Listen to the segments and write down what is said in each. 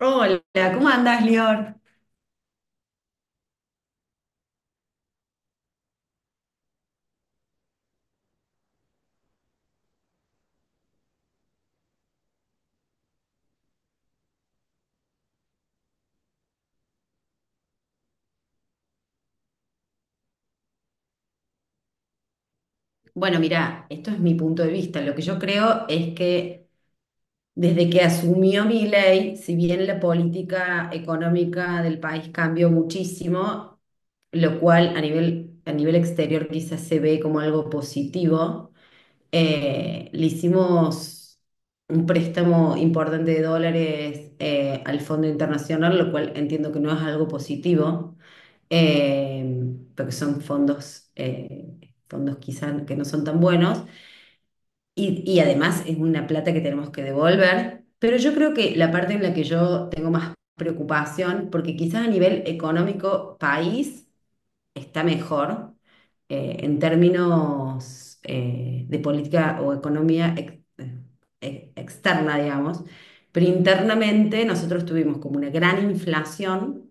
Hola, ¿cómo andás, Lior? Bueno, mira, esto es mi punto de vista. Lo que yo creo es que desde que asumió Milei, si bien la política económica del país cambió muchísimo, lo cual a nivel exterior quizás se ve como algo positivo, le hicimos un préstamo importante de dólares al Fondo Internacional, lo cual entiendo que no es algo positivo, eh, porque son fondos, fondos quizás que no son tan buenos. Y además es una plata que tenemos que devolver, pero yo creo que la parte en la que yo tengo más preocupación, porque quizás a nivel económico país está mejor en términos de política o economía externa, digamos, pero internamente nosotros tuvimos como una gran inflación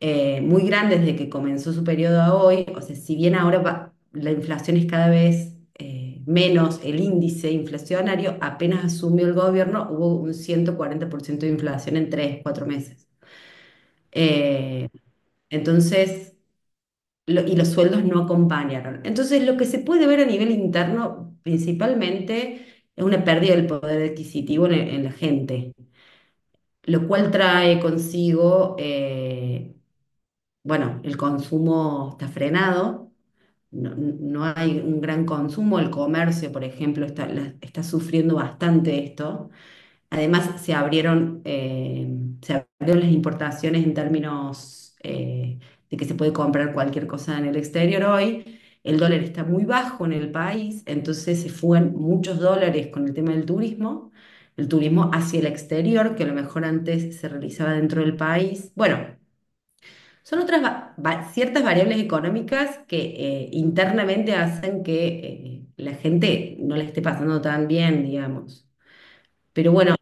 muy grande desde que comenzó su periodo a hoy. O sea, si bien ahora la inflación es cada vez menos, el índice inflacionario, apenas asumió el gobierno, hubo un 140% de inflación en tres, cuatro meses. Eh, entonces, y los sueldos no acompañaron. Entonces, lo que se puede ver a nivel interno principalmente es una pérdida del poder adquisitivo en la gente, lo cual trae consigo bueno, el consumo está frenado, no hay un gran consumo, el comercio, por ejemplo, está, está sufriendo bastante esto. Además, se se abrieron las importaciones en términos de que se puede comprar cualquier cosa en el exterior hoy. El dólar está muy bajo en el país, entonces se fugan muchos dólares con el tema del turismo. El turismo hacia el exterior, que a lo mejor antes se realizaba dentro del país. Bueno, son otras ciertas variables económicas que internamente hacen que la gente no le esté pasando tan bien, digamos. Pero bueno,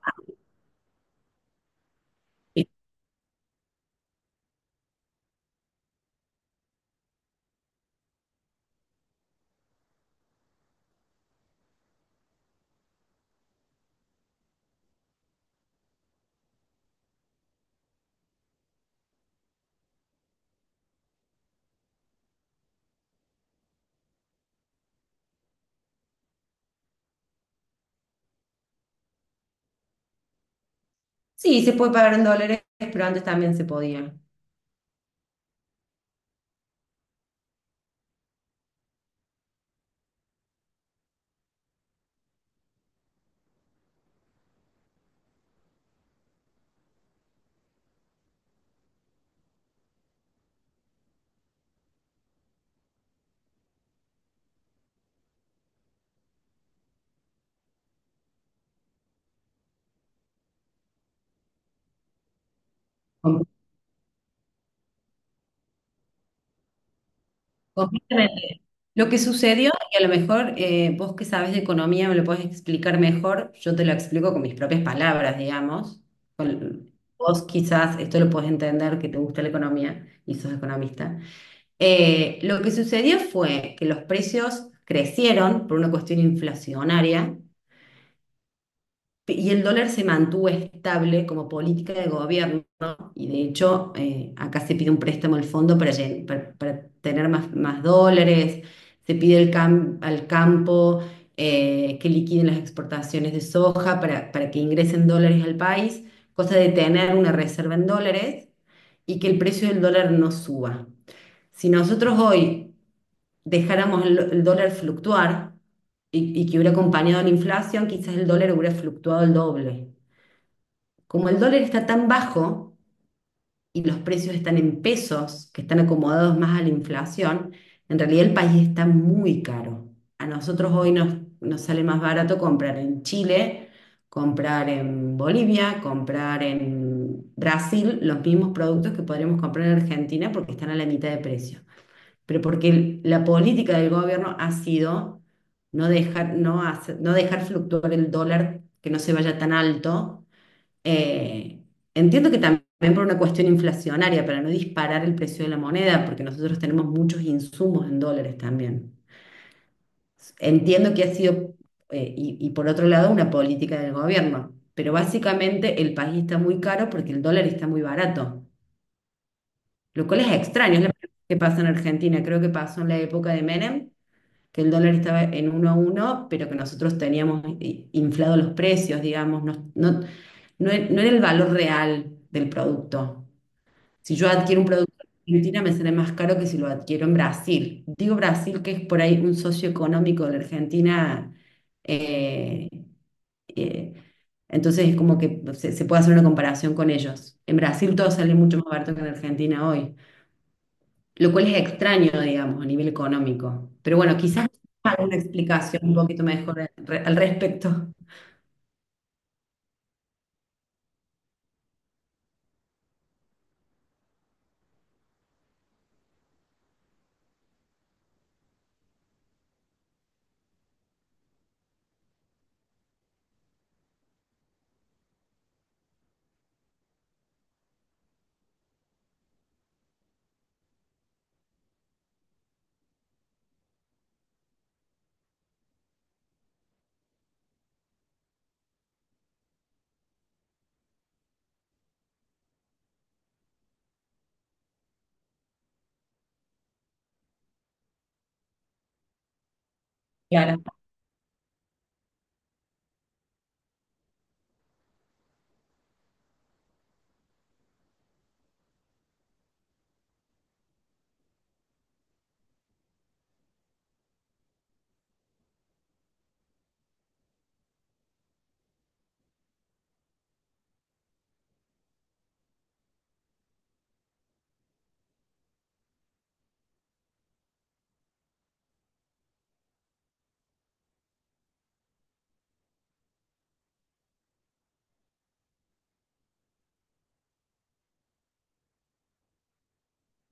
sí, se puede pagar en dólares, pero antes también se podía. Com- Completamente. Lo que sucedió, y a lo mejor vos que sabes de economía me lo podés explicar mejor, yo te lo explico con mis propias palabras, digamos. Vos quizás esto lo podés entender, que te gusta la economía y sos economista. Lo que sucedió fue que los precios crecieron por una cuestión inflacionaria y el dólar se mantuvo estable como política de gobierno, ¿no? Y de hecho acá se pide un préstamo al fondo para, para tener más dólares, se pide el al campo que liquiden las exportaciones de soja para que ingresen dólares al país, cosa de tener una reserva en dólares y que el precio del dólar no suba. Si nosotros hoy dejáramos el dólar fluctuar y que hubiera acompañado la inflación, quizás el dólar hubiera fluctuado el doble. Como el dólar está tan bajo y los precios están en pesos, que están acomodados más a la inflación, en realidad el país está muy caro. A nosotros hoy nos sale más barato comprar en Chile, comprar en Bolivia, comprar en Brasil los mismos productos que podríamos comprar en Argentina porque están a la mitad de precio, pero porque la política del gobierno ha sido no dejar, no dejar fluctuar el dólar, que no se vaya tan alto. Eh, entiendo que también por una cuestión inflacionaria, para no disparar el precio de la moneda, porque nosotros tenemos muchos insumos en dólares también. Entiendo que ha sido, por otro lado, una política del gobierno, pero básicamente el país está muy caro porque el dólar está muy barato, lo cual es extraño, es lo que pasa en Argentina, creo que pasó en la época de Menem que el dólar estaba en uno a uno, pero que nosotros teníamos inflado los precios, digamos, no era el valor real del producto. Si yo adquiero un producto en Argentina, me sale más caro que si lo adquiero en Brasil. Digo Brasil, que es por ahí un socio económico de la Argentina. eh, eh, entonces es como que se puede hacer una comparación con ellos. En Brasil todo sale mucho más barato que en Argentina hoy, lo cual es extraño, digamos, a nivel económico. Pero bueno, quizás alguna explicación un poquito mejor al respecto. Claro,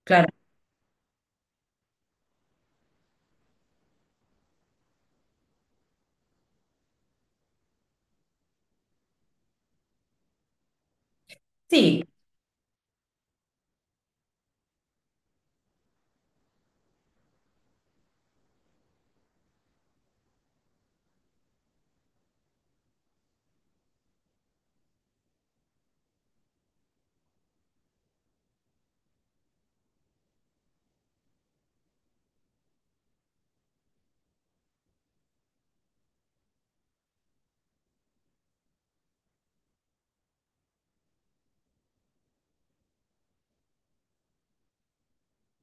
claro. Sí,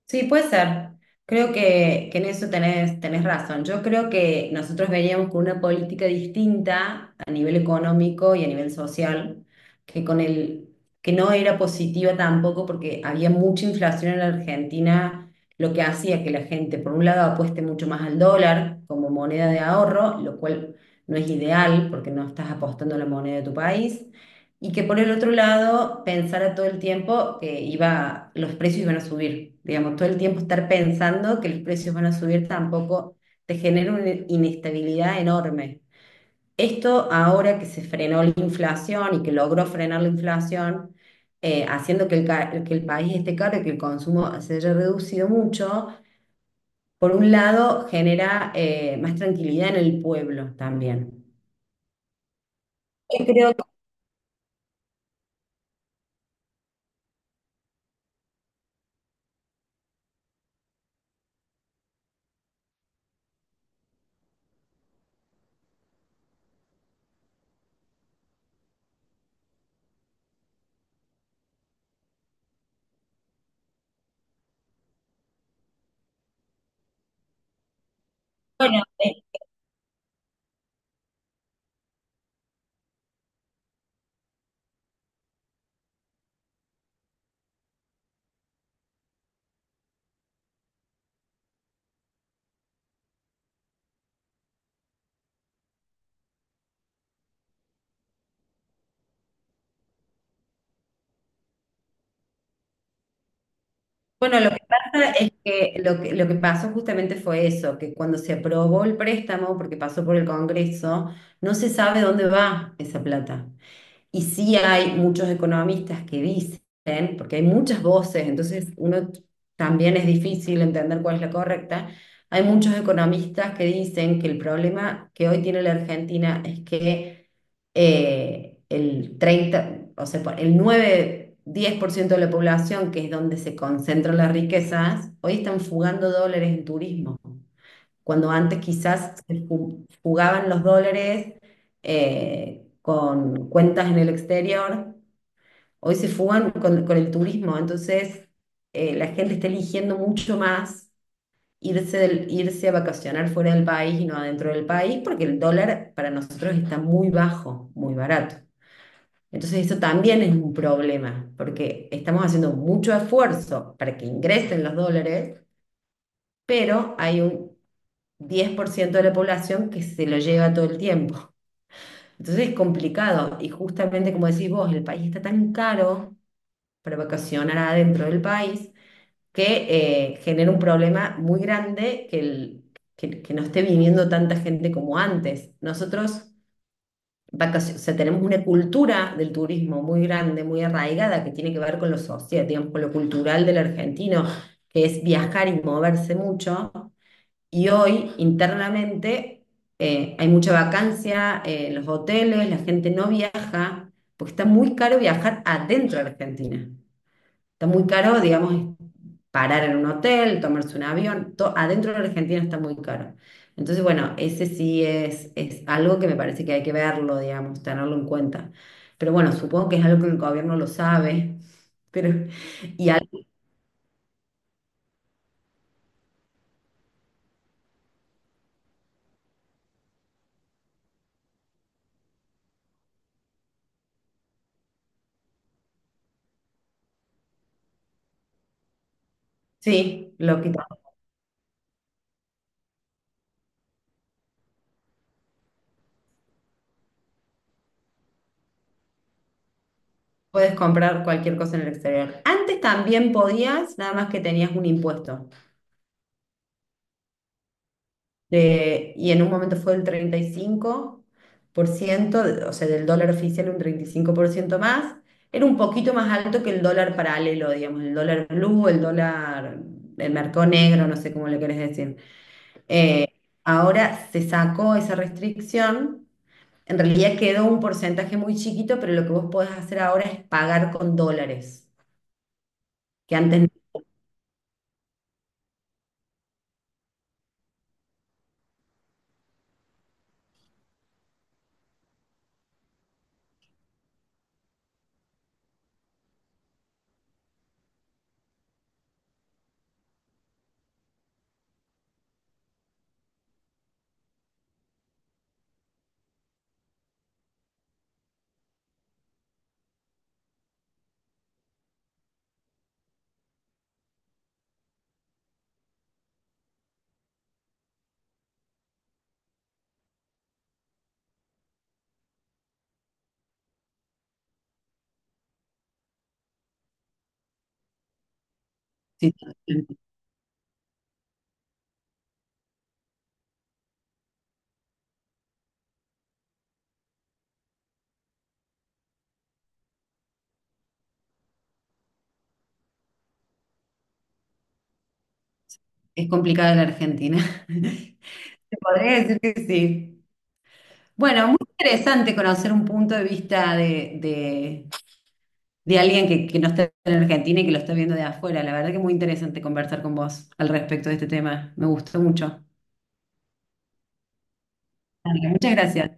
sí, puede ser. Creo que en eso tenés razón. Yo creo que nosotros veníamos con una política distinta a nivel económico y a nivel social, que con el, que no era positiva tampoco porque había mucha inflación en la Argentina, lo que hacía que la gente, por un lado, apueste mucho más al dólar como moneda de ahorro, lo cual no es ideal porque no estás apostando a la moneda de tu país. Y que por el otro lado pensara todo el tiempo que iba, los precios iban a subir. Digamos, todo el tiempo estar pensando que los precios van a subir tampoco te genera una inestabilidad enorme. Esto ahora que se frenó la inflación y que logró frenar la inflación, haciendo que que el país esté caro y que el consumo se haya reducido mucho, por un lado genera más tranquilidad en el pueblo también. Yo creo que, bueno, bueno, lo que pasa es que lo que pasó justamente fue eso, que cuando se aprobó el préstamo, porque pasó por el Congreso, no se sabe dónde va esa plata. Y sí hay muchos economistas que dicen, porque hay muchas voces, entonces uno también es difícil entender cuál es la correcta, hay muchos economistas que dicen que el problema que hoy tiene la Argentina es que el treinta, o sea, el nueve-diez por ciento de la población, que es donde se concentran las riquezas, hoy están fugando dólares en turismo, cuando antes quizás fugaban los dólares con cuentas en el exterior, hoy se fugan con el turismo, entonces la gente está eligiendo mucho más. Irse, irse a vacacionar fuera del país y no adentro del país, porque el dólar para nosotros está muy bajo, muy barato. Entonces eso también es un problema, porque estamos haciendo mucho esfuerzo para que ingresen los dólares, pero hay un 10% de la población que se lo lleva todo el tiempo. Entonces es complicado y justamente como decís vos, el país está tan caro para vacacionar adentro del país que genera un problema muy grande que, que no esté viniendo tanta gente como antes. Nosotros o sea, tenemos una cultura del turismo muy grande, muy arraigada, que tiene que ver con lo social, digamos, con lo cultural del argentino, que es viajar y moverse mucho. Y hoy, internamente, hay mucha vacancia en los hoteles, la gente no viaja, porque está muy caro viajar adentro de Argentina. Está muy caro, digamos, parar en un hotel, tomarse un avión, adentro de la Argentina está muy caro. Entonces, bueno, ese sí es algo que me parece que hay que verlo, digamos, tenerlo en cuenta. Pero bueno, supongo que es algo que el gobierno lo sabe, pero y al- sí, lo que tampoco puedes comprar cualquier cosa en el exterior. Antes también podías, nada más que tenías un impuesto. Y en un momento fue el 35%, o sea, del dólar oficial un 35% más. Era un poquito más alto que el dólar paralelo, digamos, el dólar blue, el mercado negro, no sé cómo le querés decir. Eh, ahora se sacó esa restricción. En realidad quedó un porcentaje muy chiquito, pero lo que vos podés hacer ahora es pagar con dólares, que antes no existía. Es complicado en la Argentina. Te podría decir que sí. Bueno, muy interesante conocer un punto de vista de alguien que no está en Argentina y que lo está viendo de afuera. La verdad que muy interesante conversar con vos al respecto de este tema. Me gustó mucho. Dale, muchas gracias.